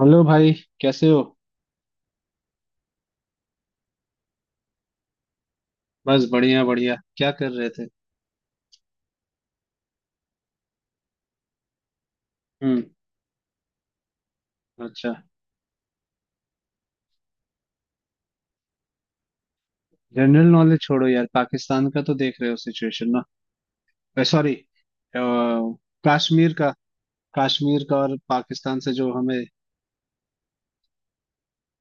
Hello भाई। कैसे हो? बस, बढ़िया बढ़िया। क्या कर रहे थे? हम्म। अच्छा। जनरल नॉलेज छोड़ो यार, पाकिस्तान का तो देख रहे हो सिचुएशन ना। सॉरी। कश्मीर का। कश्मीर का और पाकिस्तान से जो हमें,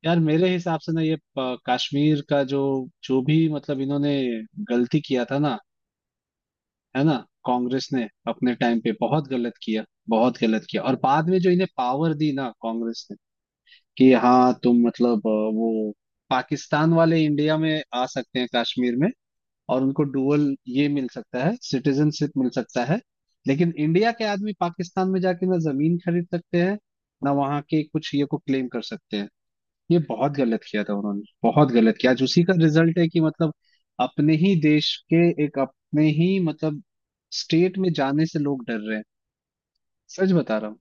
यार मेरे हिसाब से ना, ये कश्मीर का जो जो भी मतलब इन्होंने गलती किया था ना। है ना? कांग्रेस ने अपने टाइम पे बहुत गलत किया। बहुत गलत किया, और बाद में जो इन्हें पावर दी ना कांग्रेस ने कि हाँ तुम मतलब वो पाकिस्तान वाले इंडिया में आ सकते हैं कश्मीर में, और उनको डुअल ये मिल सकता है, सिटीजनशिप मिल सकता है। लेकिन इंडिया के आदमी पाकिस्तान में जाके ना जमीन खरीद सकते हैं, ना वहाँ के कुछ ये को क्लेम कर सकते हैं। ये बहुत गलत किया था उन्होंने, बहुत गलत किया। आज उसी का रिजल्ट है कि मतलब अपने ही देश के, एक अपने ही मतलब स्टेट में जाने से लोग डर रहे हैं। सच बता रहा हूँ।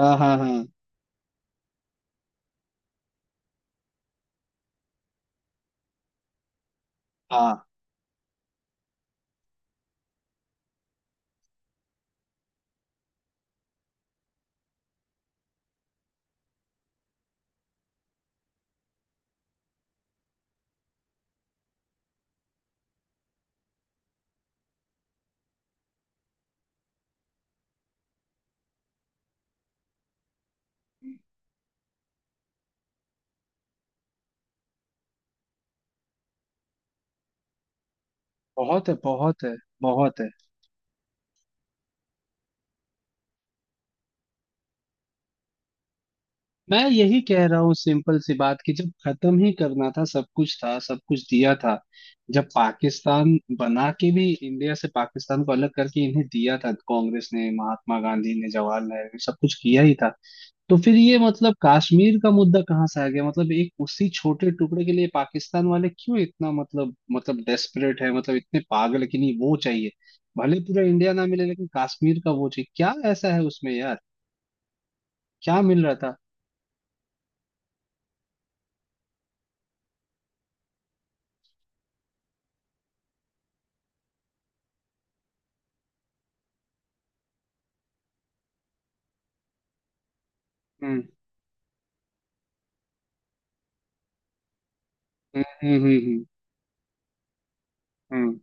हाँ हाँ हाँ हाँ। बहुत है, बहुत है, बहुत है। मैं यही कह रहा हूँ, सिंपल सी बात, कि जब खत्म ही करना था सब कुछ था, सब कुछ दिया था। जब पाकिस्तान बना के भी इंडिया से पाकिस्तान को अलग करके इन्हें दिया था, कांग्रेस ने, महात्मा गांधी ने, जवाहरलाल ने सब कुछ किया ही था। तो फिर ये मतलब कश्मीर का मुद्दा कहाँ से आ गया? मतलब एक उसी छोटे टुकड़े के लिए पाकिस्तान वाले क्यों इतना मतलब डेस्परेट है, मतलब इतने पागल है कि नहीं वो चाहिए। भले पूरा इंडिया ना मिले, लेकिन कश्मीर का वो चाहिए। क्या ऐसा है उसमें यार? क्या मिल रहा था? हम्म। हम्म हम्म हम्म हम्म। हम्म।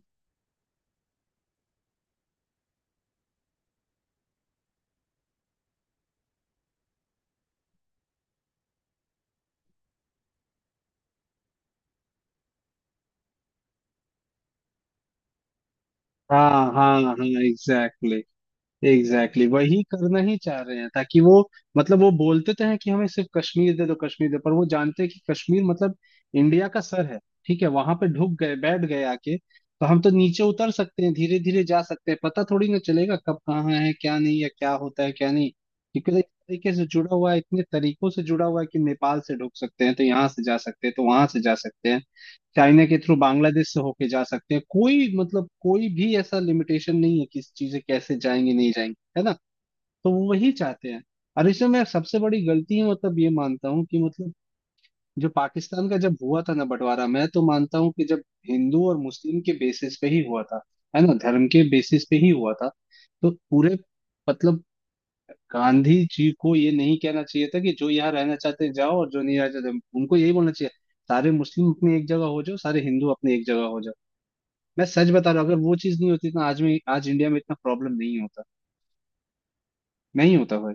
हाँ हाँ हाँ। एग्जैक्टली। एग्जैक्टली, वही करना ही चाह रहे हैं ताकि वो, मतलब वो बोलते तो हैं कि हमें सिर्फ कश्मीर दे दो, कश्मीर दे, पर वो जानते हैं कि कश्मीर मतलब इंडिया का सर है। ठीक है, वहां पे ढुक गए, बैठ गए आके, तो हम तो नीचे उतर सकते हैं, धीरे धीरे जा सकते हैं, पता थोड़ी ना चलेगा कब कहाँ है, क्या नहीं, या क्या होता है क्या नहीं। क्योंकि वो इस तरीके से जुड़ा हुआ है, इतने तरीकों से जुड़ा हुआ है कि नेपाल से ढुक सकते हैं तो यहाँ से जा सकते हैं, तो वहां से जा सकते हैं, चाइना के थ्रू बांग्लादेश से होके जा सकते हैं। कोई मतलब कोई भी ऐसा लिमिटेशन नहीं है कि चीजें कैसे जाएंगी नहीं जाएंगी। है ना? तो वो वही चाहते हैं। और इसमें मैं सबसे बड़ी गलती है मतलब, ये मानता हूँ कि मतलब जो पाकिस्तान का जब हुआ था ना बंटवारा, मैं तो मानता हूँ कि जब हिंदू और मुस्लिम के बेसिस पे ही हुआ था, है ना, धर्म के बेसिस पे ही हुआ था, तो पूरे मतलब गांधी जी को ये नहीं कहना चाहिए था कि जो यहाँ रहना चाहते हैं जाओ और जो नहीं रहना चाहते, उनको यही बोलना चाहिए, सारे मुस्लिम अपनी एक जगह हो जाओ, सारे हिंदू अपनी एक जगह हो जाओ। मैं सच बता रहा हूँ, अगर वो चीज नहीं होती तो आज इंडिया में इतना प्रॉब्लम नहीं होता। नहीं होता भाई।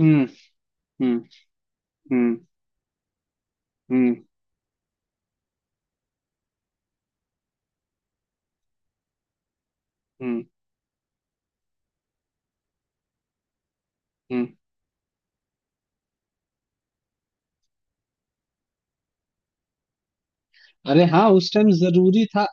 हम्म हम्म हम्म हम्म हम्म हम्म। अरे हाँ, उस टाइम जरूरी था।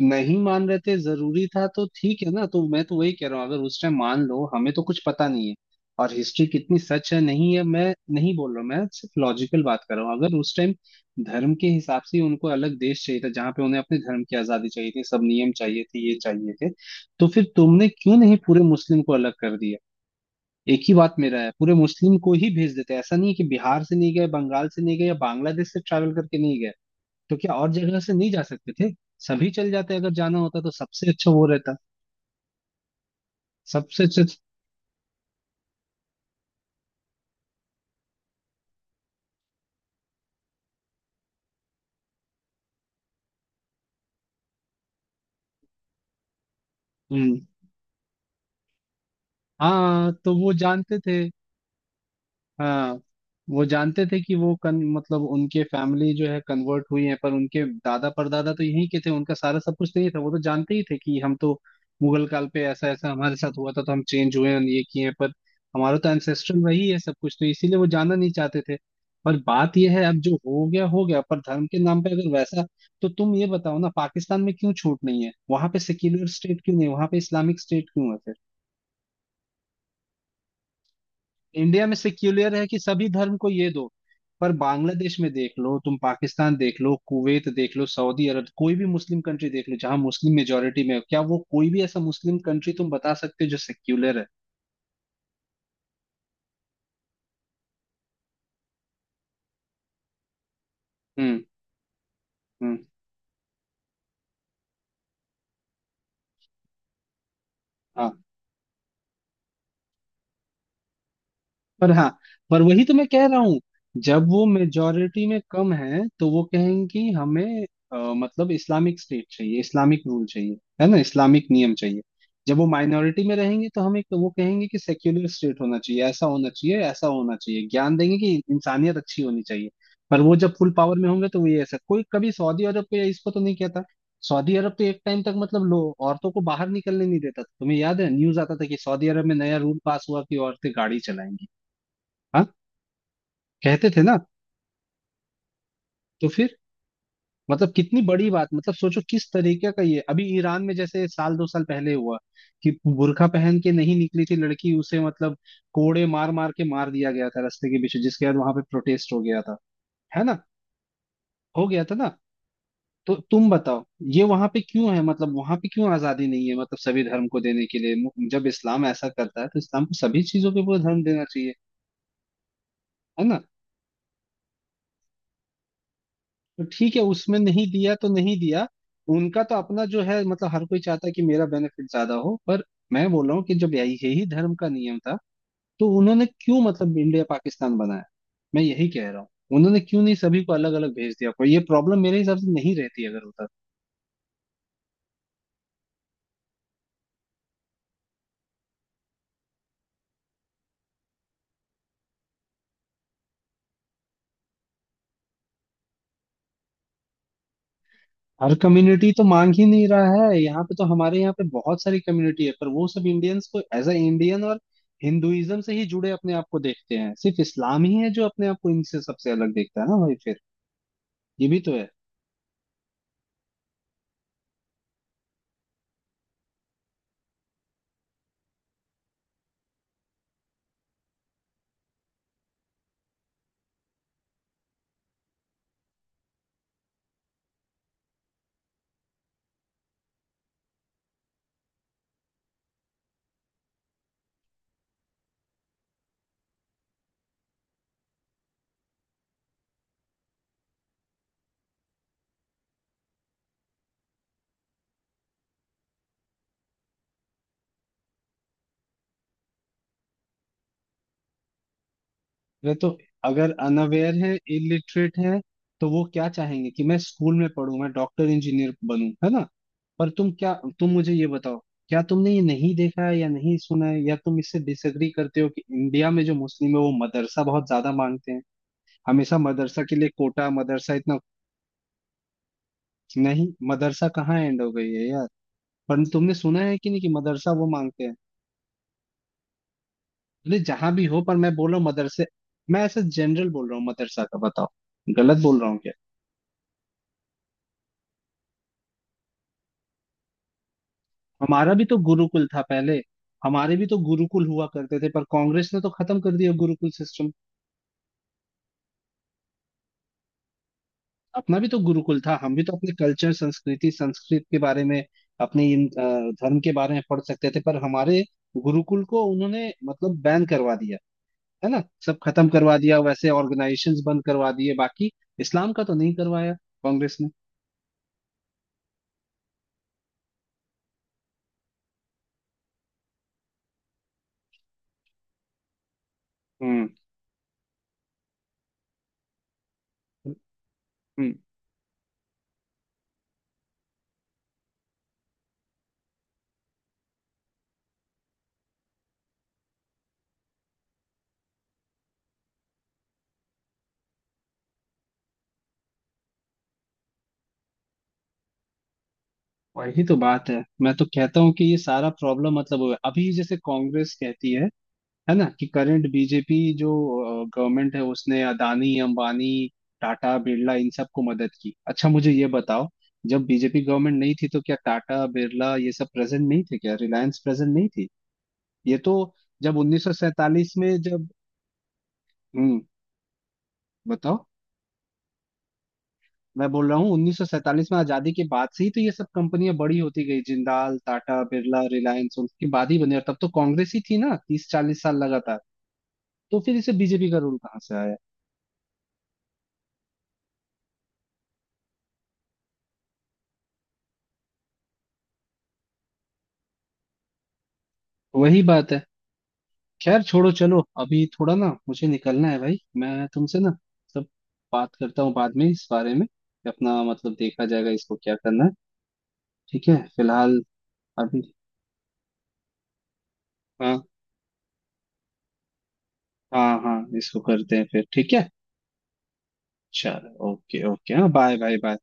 नहीं मान रहे थे, जरूरी था, तो ठीक है ना। तो मैं तो वही कह रहा हूँ, अगर उस टाइम मान लो, हमें तो कुछ पता नहीं है और हिस्ट्री कितनी सच है नहीं है, मैं नहीं बोल रहा हूँ, मैं सिर्फ लॉजिकल बात कर रहा हूँ। अगर उस टाइम धर्म के हिसाब से उनको अलग देश चाहिए था, जहाँ पे उन्हें अपने धर्म की आजादी चाहिए थी, सब नियम चाहिए थे, ये चाहिए थे, तो फिर तुमने क्यों नहीं पूरे मुस्लिम को अलग कर दिया? एक ही बात मेरा है, पूरे मुस्लिम को ही भेज देते हैं। ऐसा नहीं है कि बिहार से नहीं गए, बंगाल से नहीं गए, या बांग्लादेश से ट्रैवल करके नहीं गए, तो क्या और जगह से नहीं जा सकते थे? सभी चल जाते अगर जाना होता, तो सबसे अच्छा वो रहता, सबसे अच्छा। हम्म। हाँ, तो वो जानते थे। हाँ, वो जानते थे कि वो कन मतलब उनके फैमिली जो है कन्वर्ट हुई है, पर उनके दादा परदादा तो यहीं के थे, उनका सारा सब कुछ नहीं था। वो तो जानते ही थे कि हम तो मुगल काल पे ऐसा ऐसा हमारे साथ हुआ था, तो हम चेंज हुए हैं, ये किए हैं, पर हमारा तो एंसेस्ट्रल वही है सब कुछ, तो इसीलिए वो जाना नहीं चाहते थे। पर बात यह है, अब जो हो गया हो गया, पर धर्म के नाम पे अगर वैसा, तो तुम ये बताओ ना, पाकिस्तान में क्यों छूट नहीं है, वहां पे सेक्युलर स्टेट क्यों नहीं है, वहां पे इस्लामिक स्टेट क्यों है? इंडिया में सेक्युलर है कि सभी धर्म को ये दो, पर बांग्लादेश में देख लो तुम, पाकिस्तान देख लो, कुवैत देख लो, सऊदी अरब, कोई भी मुस्लिम कंट्री देख लो जहां मुस्लिम मेजोरिटी में हो, क्या वो कोई भी ऐसा मुस्लिम कंट्री तुम बता सकते हो जो सेक्युलर है? हम्म। हम्म। हाँ। पर हाँ, पर वही तो मैं कह रहा हूँ, जब वो मेजोरिटी में कम है तो वो कहेंगी हमें मतलब इस्लामिक स्टेट चाहिए, इस्लामिक रूल चाहिए, है ना, इस्लामिक नियम चाहिए। जब वो माइनॉरिटी में रहेंगे तो हमें वो कहेंगे कि सेक्युलर स्टेट होना चाहिए, ऐसा होना चाहिए, ऐसा होना चाहिए, ज्ञान देंगे कि इंसानियत अच्छी होनी चाहिए। पर वो जब फुल पावर में होंगे तो वो ये ऐसा कोई कभी सऊदी अरब को या इसको तो नहीं कहता। सऊदी अरब तो एक टाइम तक मतलब लो, औरतों को बाहर निकलने नहीं देता था। तुम्हें याद है, न्यूज आता था कि सऊदी अरब में नया रूल पास हुआ कि औरतें गाड़ी चलाएंगी। हाँ, कहते थे ना। तो फिर मतलब कितनी बड़ी बात, मतलब सोचो किस तरीके का। ये अभी ईरान में जैसे साल 2 साल पहले हुआ कि बुर्का पहन के नहीं निकली थी लड़की, उसे मतलब कोड़े मार मार के मार दिया गया था रास्ते के पीछे, जिसके बाद वहां पे प्रोटेस्ट हो गया था। है ना, हो गया था ना। तो तुम बताओ, ये वहां पे क्यों है, मतलब वहां पे क्यों आजादी नहीं है? मतलब सभी धर्म को देने के लिए जब इस्लाम ऐसा करता है, तो इस्लाम को सभी चीजों के पूरा धर्म देना चाहिए। है ना? तो ठीक है, उसमें नहीं दिया तो नहीं दिया। उनका तो अपना जो है मतलब हर कोई चाहता है कि मेरा बेनिफिट ज्यादा हो, पर मैं बोल रहा हूँ कि जब यही यही धर्म का नियम था, तो उन्होंने क्यों मतलब इंडिया पाकिस्तान बनाया? मैं यही कह रहा हूँ, उन्होंने क्यों नहीं सभी को अलग अलग भेज दिया, कोई ये प्रॉब्लम मेरे हिसाब से नहीं रहती अगर होता तो। हर कम्युनिटी तो मांग ही नहीं रहा है, यहाँ पे तो हमारे यहाँ पे बहुत सारी कम्युनिटी है, पर वो सब इंडियंस को एज अ इंडियन और हिंदुइज्म से ही जुड़े अपने आप को देखते हैं। सिर्फ इस्लाम ही है जो अपने आप को इनसे सबसे अलग देखता है ना भाई, फिर ये भी तो है। अरे तो अगर अनअवेयर है, इलिटरेट है, तो वो क्या चाहेंगे कि मैं स्कूल में पढूं, मैं डॉक्टर इंजीनियर बनूं, है ना? पर तुम मुझे ये बताओ, क्या तुमने ये नहीं देखा है या नहीं सुना है या तुम इससे डिसएग्री करते हो कि इंडिया में जो मुस्लिम है वो मदरसा बहुत ज्यादा मांगते हैं? हमेशा मदरसा के लिए कोटा, मदरसा इतना। नहीं मदरसा कहाँ एंड हो गई है यार। पर तुमने सुना है कि नहीं कि मदरसा वो मांगते हैं? अरे जहां भी हो, पर मैं बोल रहा हूँ मदरसे, मैं ऐसे जनरल बोल रहा हूँ मदरसा का बताओ, गलत बोल रहा हूँ क्या? हमारा भी तो गुरुकुल था पहले, हमारे भी तो गुरुकुल हुआ करते थे, पर कांग्रेस ने तो खत्म कर दिया गुरुकुल सिस्टम। अपना भी तो गुरुकुल था, हम भी तो अपने कल्चर, संस्कृति, संस्कृत के बारे में, अपने धर्म के बारे में पढ़ सकते थे, पर हमारे गुरुकुल को उन्होंने मतलब बैन करवा दिया। है ना? सब खत्म करवा दिया, वैसे ऑर्गेनाइजेशंस बंद करवा दिए बाकी। इस्लाम का तो नहीं करवाया कांग्रेस ने। हम्म, हम्म। वही तो बात है। मैं तो कहता हूँ कि ये सारा प्रॉब्लम मतलब वो है। अभी जैसे कांग्रेस कहती है ना, कि करंट बीजेपी जो गवर्नमेंट है उसने अदानी, अंबानी, टाटा, बिरला इन सबको मदद की। अच्छा मुझे ये बताओ, जब बीजेपी गवर्नमेंट नहीं थी तो क्या टाटा बिरला ये सब प्रेजेंट नहीं थे, क्या रिलायंस प्रेजेंट नहीं थी? ये तो जब 1947 में जब, हम्म, बताओ। मैं बोल रहा हूँ 1947 में आजादी के बाद से ही तो ये सब कंपनियां बड़ी होती गई, जिंदाल, टाटा, बिरला, रिलायंस उनके बाद ही बनी, और तब तो कांग्रेस ही थी ना 30 40 साल लगातार। तो फिर इसे बीजेपी का रूल कहाँ से आया? वही बात है। खैर छोड़ो, चलो अभी थोड़ा ना मुझे निकलना है भाई, मैं तुमसे ना सब बात करता हूँ बाद में इस बारे में कि अपना मतलब देखा जाएगा इसको क्या करना है। ठीक है, फिलहाल अभी। हाँ। हाँ हाँ, इसको करते हैं फिर, ठीक है। चलो, ओके ओके, हाँ, बाय बाय बाय।